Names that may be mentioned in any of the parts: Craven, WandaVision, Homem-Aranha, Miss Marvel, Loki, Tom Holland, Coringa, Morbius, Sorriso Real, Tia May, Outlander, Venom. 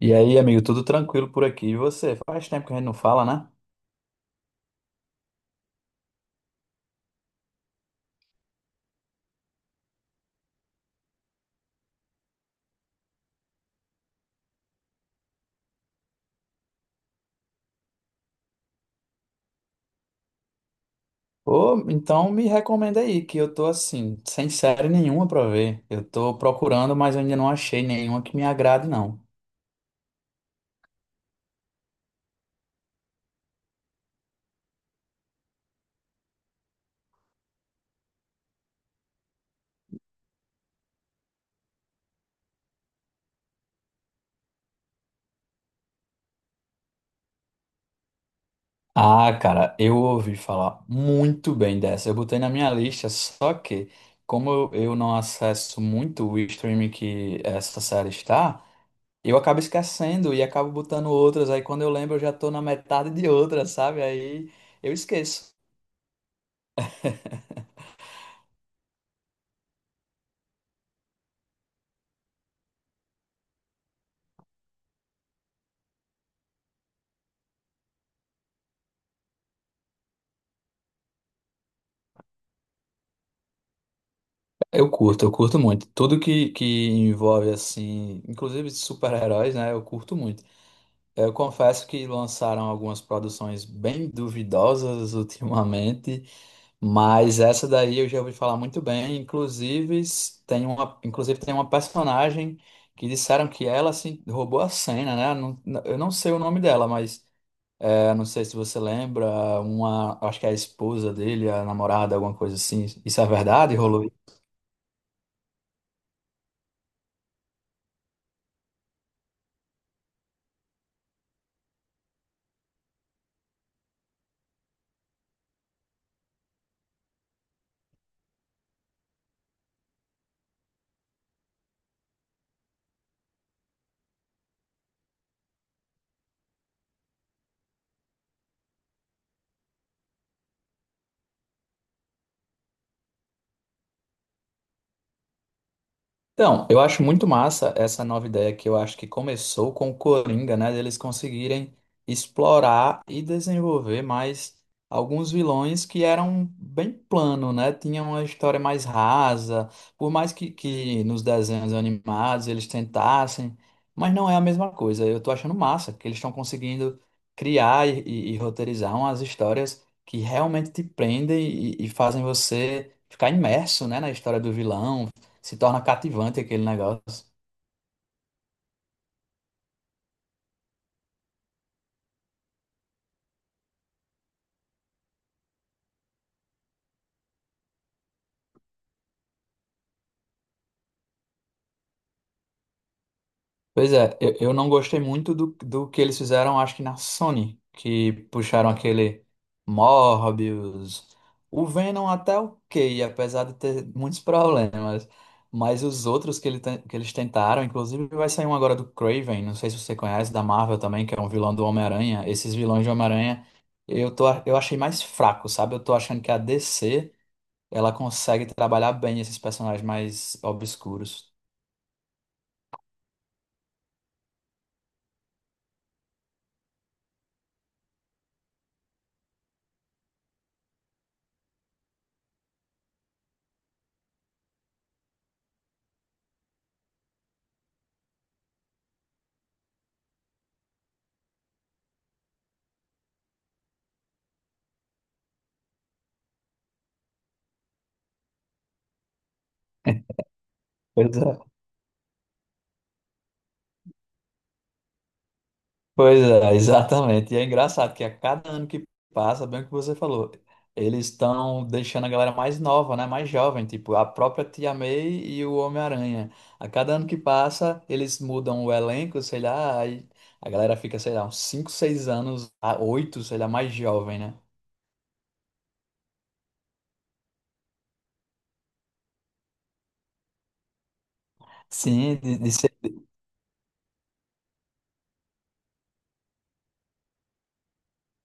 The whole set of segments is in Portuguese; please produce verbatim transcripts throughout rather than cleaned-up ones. E aí, amigo, tudo tranquilo por aqui? E você? Faz tempo que a gente não fala, né? Ô, então me recomenda aí, que eu tô assim, sem série nenhuma pra ver. Eu tô procurando, mas eu ainda não achei nenhuma que me agrade, não. Ah, cara, eu ouvi falar muito bem dessa. Eu botei na minha lista, só que, como eu, eu não acesso muito o streaming que essa série está, eu acabo esquecendo e acabo botando outras. Aí quando eu lembro, eu já tô na metade de outras, sabe? Aí eu esqueço. Eu curto, eu curto muito. Tudo que, que envolve, assim, inclusive super-heróis, né? Eu curto muito. Eu confesso que lançaram algumas produções bem duvidosas ultimamente, mas essa daí eu já ouvi falar muito bem. Inclusive, s- tem uma, inclusive tem uma personagem que disseram que ela, assim, roubou a cena, né? Não- não- eu não sei o nome dela, mas é, não sei se você lembra, uma, acho que é a esposa dele, a namorada, alguma coisa assim. Isso é verdade? Então, eu acho muito massa essa nova ideia que eu acho que começou com o Coringa, né? Deles conseguirem explorar e desenvolver mais alguns vilões que eram bem plano, né? Tinham uma história mais rasa, por mais que, que nos desenhos animados eles tentassem, mas não é a mesma coisa. Eu tô achando massa que eles estão conseguindo criar e, e- e roteirizar umas histórias que realmente te prendem e, e fazem você ficar imerso, né, na história do vilão se torna cativante aquele negócio. Pois é, eu, eu não gostei muito do, do que eles fizeram, acho que na Sony, que puxaram aquele Morbius. O Venom até ok, apesar de ter muitos problemas. Mas os outros que, ele, ten- que eles tentaram, inclusive vai sair um agora do Craven, não sei se você conhece, da Marvel também, que é um vilão do Homem-Aranha. Esses vilões de Homem-Aranha eu, tô, eu achei mais fraco, sabe? Eu tô achando que a D C ela consegue trabalhar bem esses personagens mais obscuros. Pois é, pois é, exatamente. E é engraçado que a cada ano que passa, bem o que você falou, eles estão deixando a galera mais nova, né? Mais jovem, tipo a própria Tia May e o Homem-Aranha. A cada ano que passa, eles mudam o elenco, sei lá, aí a galera fica, sei lá, uns cinco seis anos, a oito sei lá, mais jovem, né? Sim, de, de ser,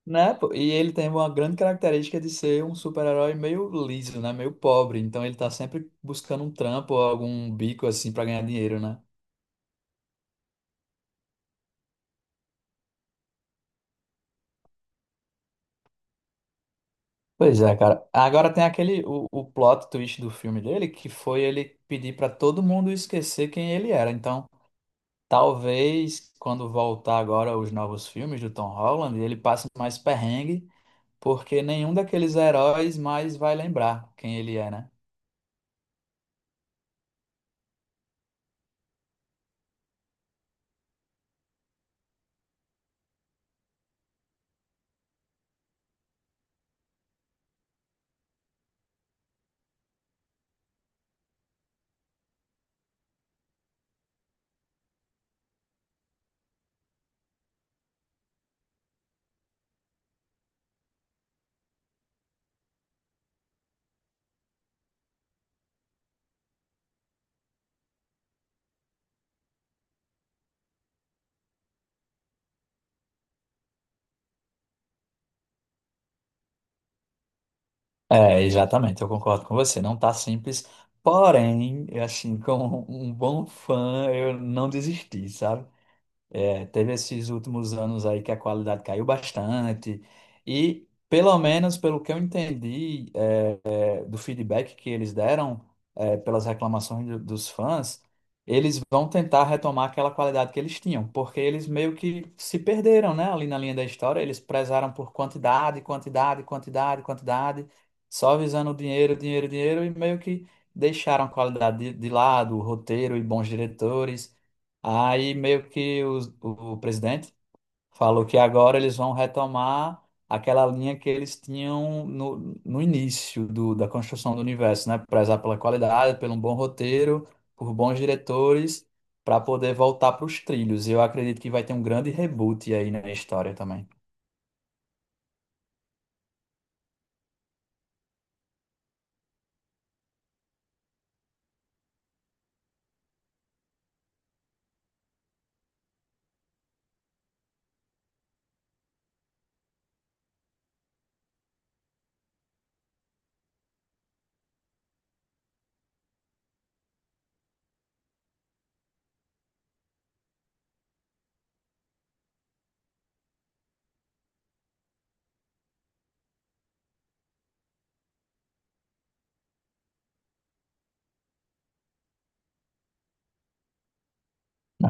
né? Pô, e ele tem uma grande característica de ser um super-herói meio liso, né? Meio pobre. Então ele tá sempre buscando um trampo ou algum bico assim pra ganhar dinheiro, né? Pois é, cara. Agora tem aquele o, o plot twist do filme dele que foi ele pedir pra todo mundo esquecer quem ele era. Então, talvez quando voltar agora os novos filmes do Tom Holland, ele passe mais perrengue, porque nenhum daqueles heróis mais vai lembrar quem ele é, né? É, exatamente, eu concordo com você. Não tá simples, porém, assim, como um bom fã, eu não desisti, sabe? É, teve esses últimos anos aí que a qualidade caiu bastante. E, pelo menos, pelo que eu entendi, é, do feedback que eles deram, é, pelas reclamações do- dos fãs, eles vão tentar retomar aquela qualidade que eles tinham, porque eles meio que se perderam, né, ali na linha da história, eles prezaram por quantidade, quantidade, quantidade, quantidade, só visando dinheiro, dinheiro, dinheiro, e meio que deixaram a qualidade de, de lado, o roteiro e bons diretores. Aí meio que os- o, o presidente falou que agora eles vão retomar aquela linha que eles tinham no, no início do, da construção do universo, né? Prezar pela qualidade, pelo bom roteiro, por bons diretores, para poder voltar para os trilhos. E eu acredito que vai ter um grande reboot aí na história também.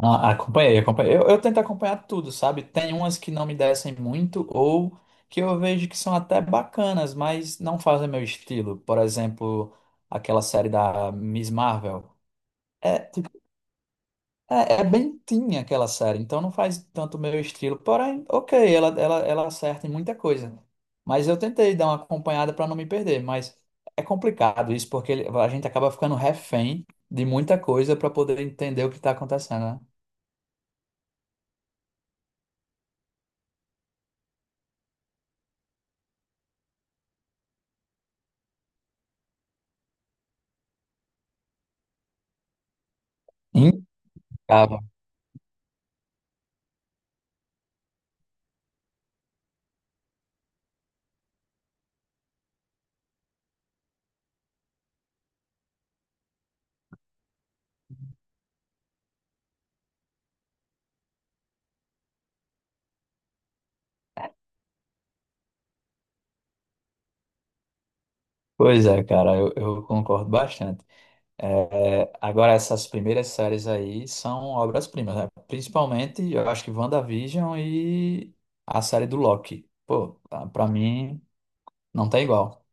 Ah, acompanhei, acompanhei. Eu, eu tento acompanhar tudo, sabe? Tem umas que não me descem muito ou que eu vejo que são até bacanas, mas não fazem meu estilo. Por exemplo, aquela série da Miss Marvel. É, tipo, é, é bem tinha aquela série, então não faz tanto o meu estilo. Porém, ok, ela, ela, ela acerta em muita coisa. Mas eu tentei dar uma acompanhada para não me perder, mas é complicado isso, porque ele- a gente acaba ficando refém de muita coisa para poder entender o que está acontecendo, né? Incrível. Pois é, cara, eu, eu concordo bastante. É, agora, essas primeiras séries aí são obras-primas, né? Principalmente, eu acho que WandaVision e a série do Loki. Pô, tá- pra mim, não tem igual.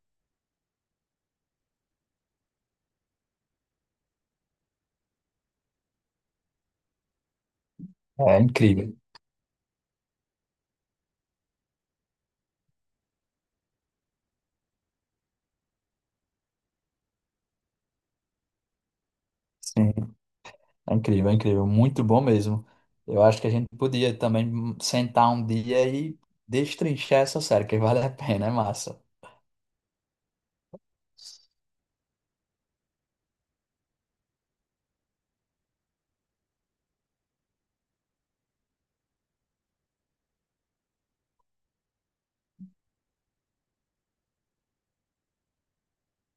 É incrível. Sim, é incrível, é incrível. Muito bom mesmo. Eu acho que a gente podia também sentar um dia e destrinchar essa série, que vale a pena, é massa.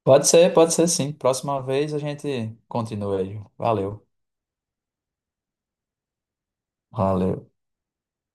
Pode ser, pode ser sim. Próxima vez a gente continua aí. Valeu. Valeu.